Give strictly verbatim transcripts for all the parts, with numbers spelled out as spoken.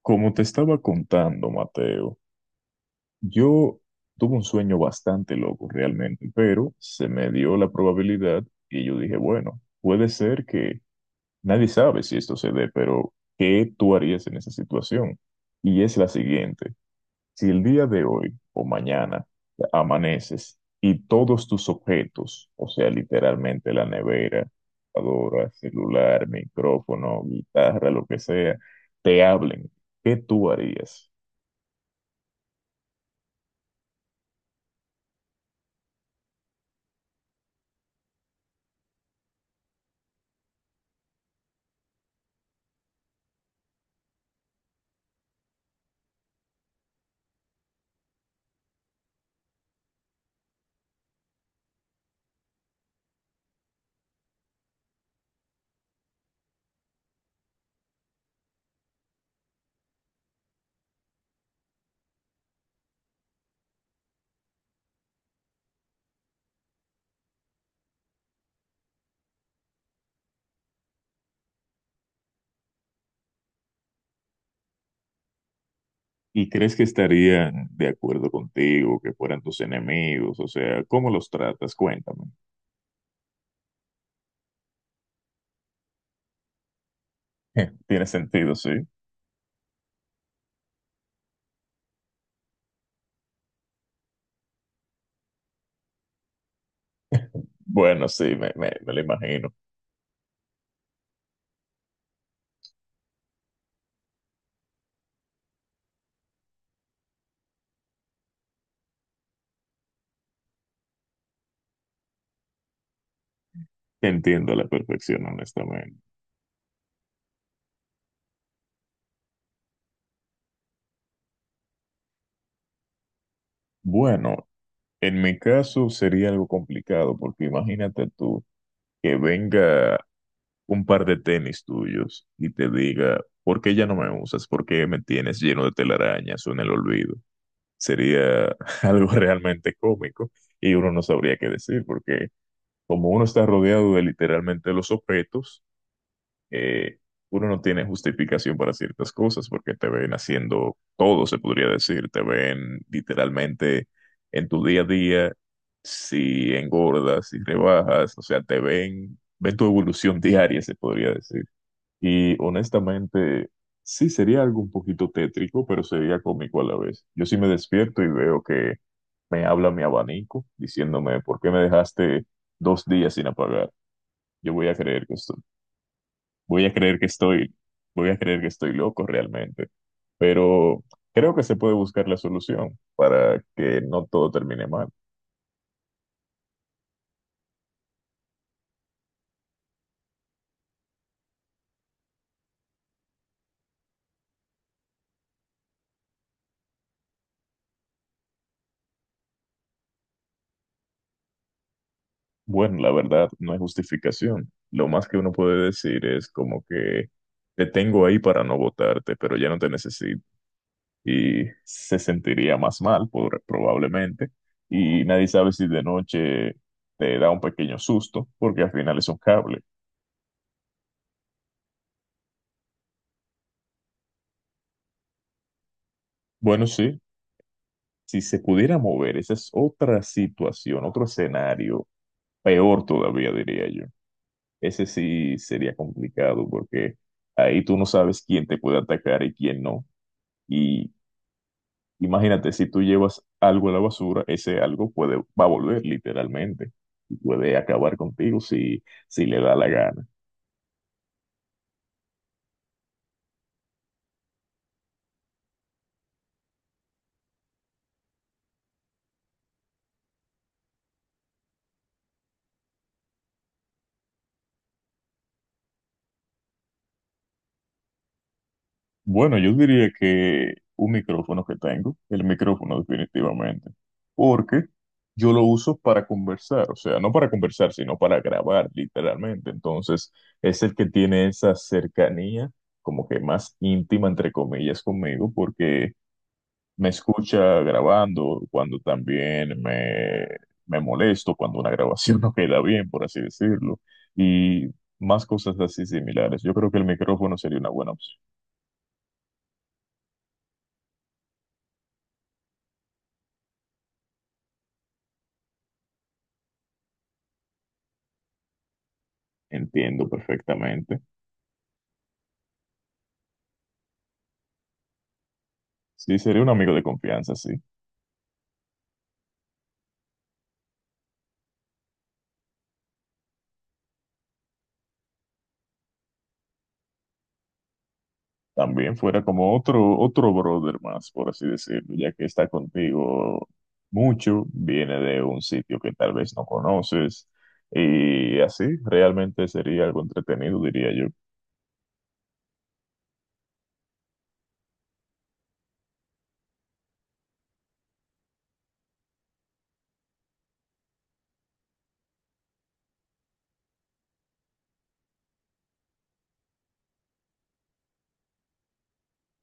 Como te estaba contando, Mateo, yo tuve un sueño bastante loco realmente, pero se me dio la probabilidad y yo dije, bueno, puede ser que nadie sabe si esto se dé, pero ¿qué tú harías en esa situación? Y es la siguiente, si el día de hoy o mañana amaneces y todos tus objetos, o sea, literalmente la nevera, computadora, celular, micrófono, guitarra, lo que sea, te hablen, ¿qué tú harías? ¿Y crees que estarían de acuerdo contigo, que fueran tus enemigos? O sea, ¿cómo los tratas? Cuéntame. Tiene sentido, sí. Bueno, sí, me, me, me lo imagino. Te entiendo a la perfección, honestamente. Bueno, en mi caso sería algo complicado, porque imagínate tú que venga un par de tenis tuyos y te diga, ¿por qué ya no me usas? ¿Por qué me tienes lleno de telarañas o en el olvido? Sería algo realmente cómico y uno no sabría qué decir, porque como uno está rodeado de literalmente los objetos, eh, uno no tiene justificación para ciertas cosas porque te ven haciendo todo, se podría decir, te ven literalmente en tu día a día, si engordas, si rebajas, o sea, te ven, ven tu evolución diaria, se podría decir. Y honestamente, sí sería algo un poquito tétrico, pero sería cómico a la vez. Yo sí me despierto y veo que me habla mi abanico diciéndome, ¿por qué me dejaste dos días sin apagar? Yo voy a creer que estoy, voy a creer que estoy, voy a creer que estoy loco realmente. Pero creo que se puede buscar la solución para que no todo termine mal. Bueno, la verdad no hay justificación. Lo más que uno puede decir es como que te tengo ahí para no votarte, pero ya no te necesito. Y se sentiría más mal, por- probablemente. Y nadie sabe si de noche te da un pequeño susto, porque al final es un cable. Bueno, sí, si se pudiera mover, esa es otra situación, otro escenario, peor todavía diría yo. Ese sí sería complicado porque ahí tú no sabes quién te puede atacar y quién no. Y imagínate, si tú llevas algo a la basura, ese algo puede, va a volver literalmente y puede acabar contigo si, si le da la gana. Bueno, yo diría que un micrófono que tengo, el micrófono definitivamente, porque yo lo uso para conversar, o sea, no para conversar, sino para grabar literalmente. Entonces, es el que tiene esa cercanía como que más íntima, entre comillas, conmigo, porque me escucha grabando cuando también me, me molesto, cuando una grabación no queda bien, por así decirlo, y más cosas así similares. Yo creo que el micrófono sería una buena opción. Entiendo perfectamente. Sí, sería un amigo de confianza, sí. También fuera como otro, otro brother más, por así decirlo, ya que está contigo mucho, viene de un sitio que tal vez no conoces, y así realmente sería algo entretenido, diría yo.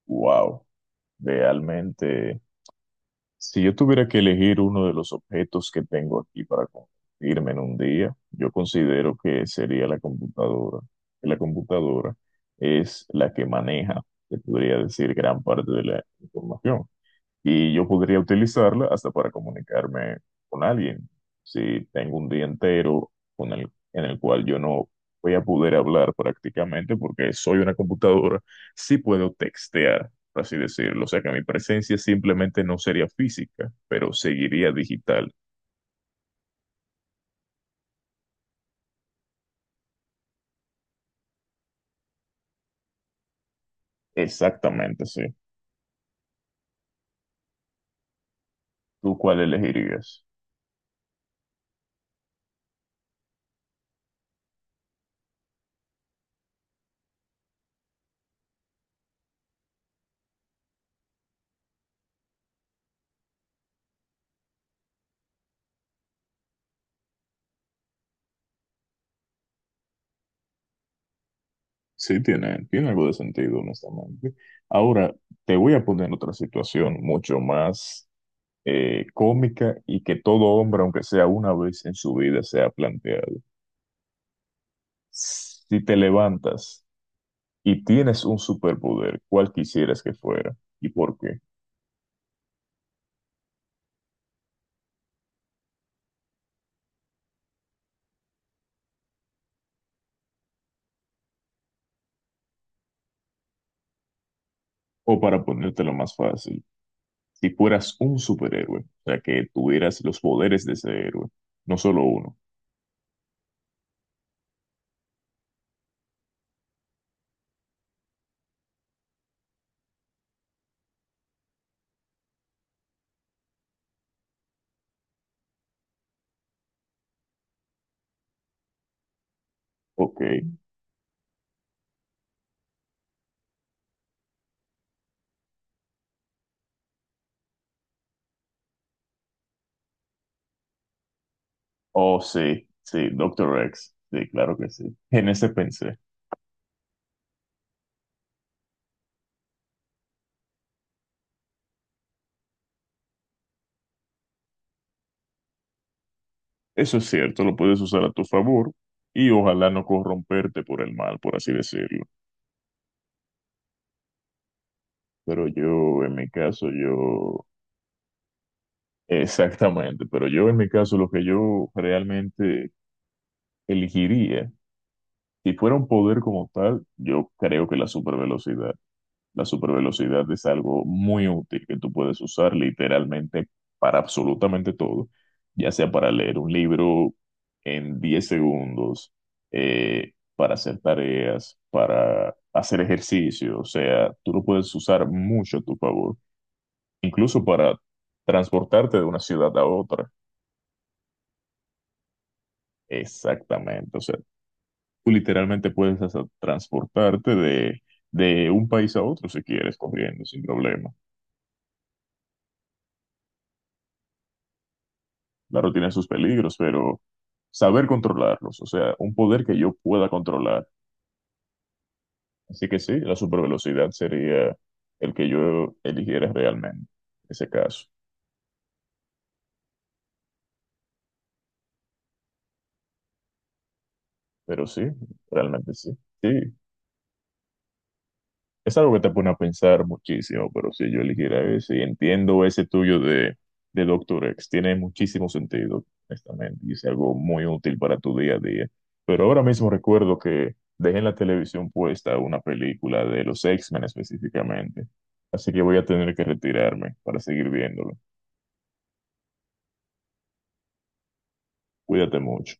Wow, realmente. Si yo tuviera que elegir uno de los objetos que tengo aquí para convertirme en un día, yo considero que sería la computadora. La computadora es la que maneja, se podría decir, gran parte de la información y yo podría utilizarla hasta para comunicarme con alguien. Si tengo un día entero con el- en el cual yo no voy a poder hablar prácticamente porque soy una computadora, sí puedo textear, por así decirlo. O sea que mi presencia simplemente no sería física, pero seguiría digital. Exactamente, sí. ¿Tú cuál elegirías? Sí, tiene, tiene algo de sentido, honestamente. Ahora, te voy a poner otra situación mucho más eh, cómica y que todo hombre, aunque sea una vez en su vida, se ha planteado. Si te levantas y tienes un superpoder, ¿cuál quisieras que fuera y por qué? O para ponértelo más fácil, si fueras un superhéroe, o sea, que tuvieras los poderes de ese héroe, no solo uno. Ok. Oh, sí, sí, Doctor equis. Sí, claro que sí. En ese pensé. Eso es cierto, lo puedes usar a tu favor y ojalá no corromperte por el mal, por así decirlo. Pero yo, en mi caso, yo, exactamente, pero yo, en mi caso, lo que yo realmente elegiría, si fuera un poder como tal, yo creo que la supervelocidad. La supervelocidad es algo muy útil que tú puedes usar literalmente para absolutamente todo, ya sea para leer un libro en diez segundos, eh, para hacer tareas, para hacer ejercicio, o sea, tú lo puedes usar mucho a tu favor, incluso para transportarte de una ciudad a otra. Exactamente, o sea, tú literalmente puedes hasta transportarte de, de, un país a otro si quieres, corriendo, sin problema. Claro, tiene sus peligros, pero saber controlarlos, o sea, un poder que yo pueda controlar. Así que sí, la supervelocidad sería el que yo eligiera realmente en ese caso. Pero sí, realmente sí. Sí, es algo que te pone a pensar muchísimo, pero si yo eligiera ese, y entiendo ese tuyo de, de, Doctor equis, tiene muchísimo sentido, honestamente, y es algo muy útil para tu día a día. Pero ahora mismo recuerdo que dejé en la televisión puesta una película de los equis men específicamente, así que voy a tener que retirarme para seguir viéndolo. Cuídate mucho.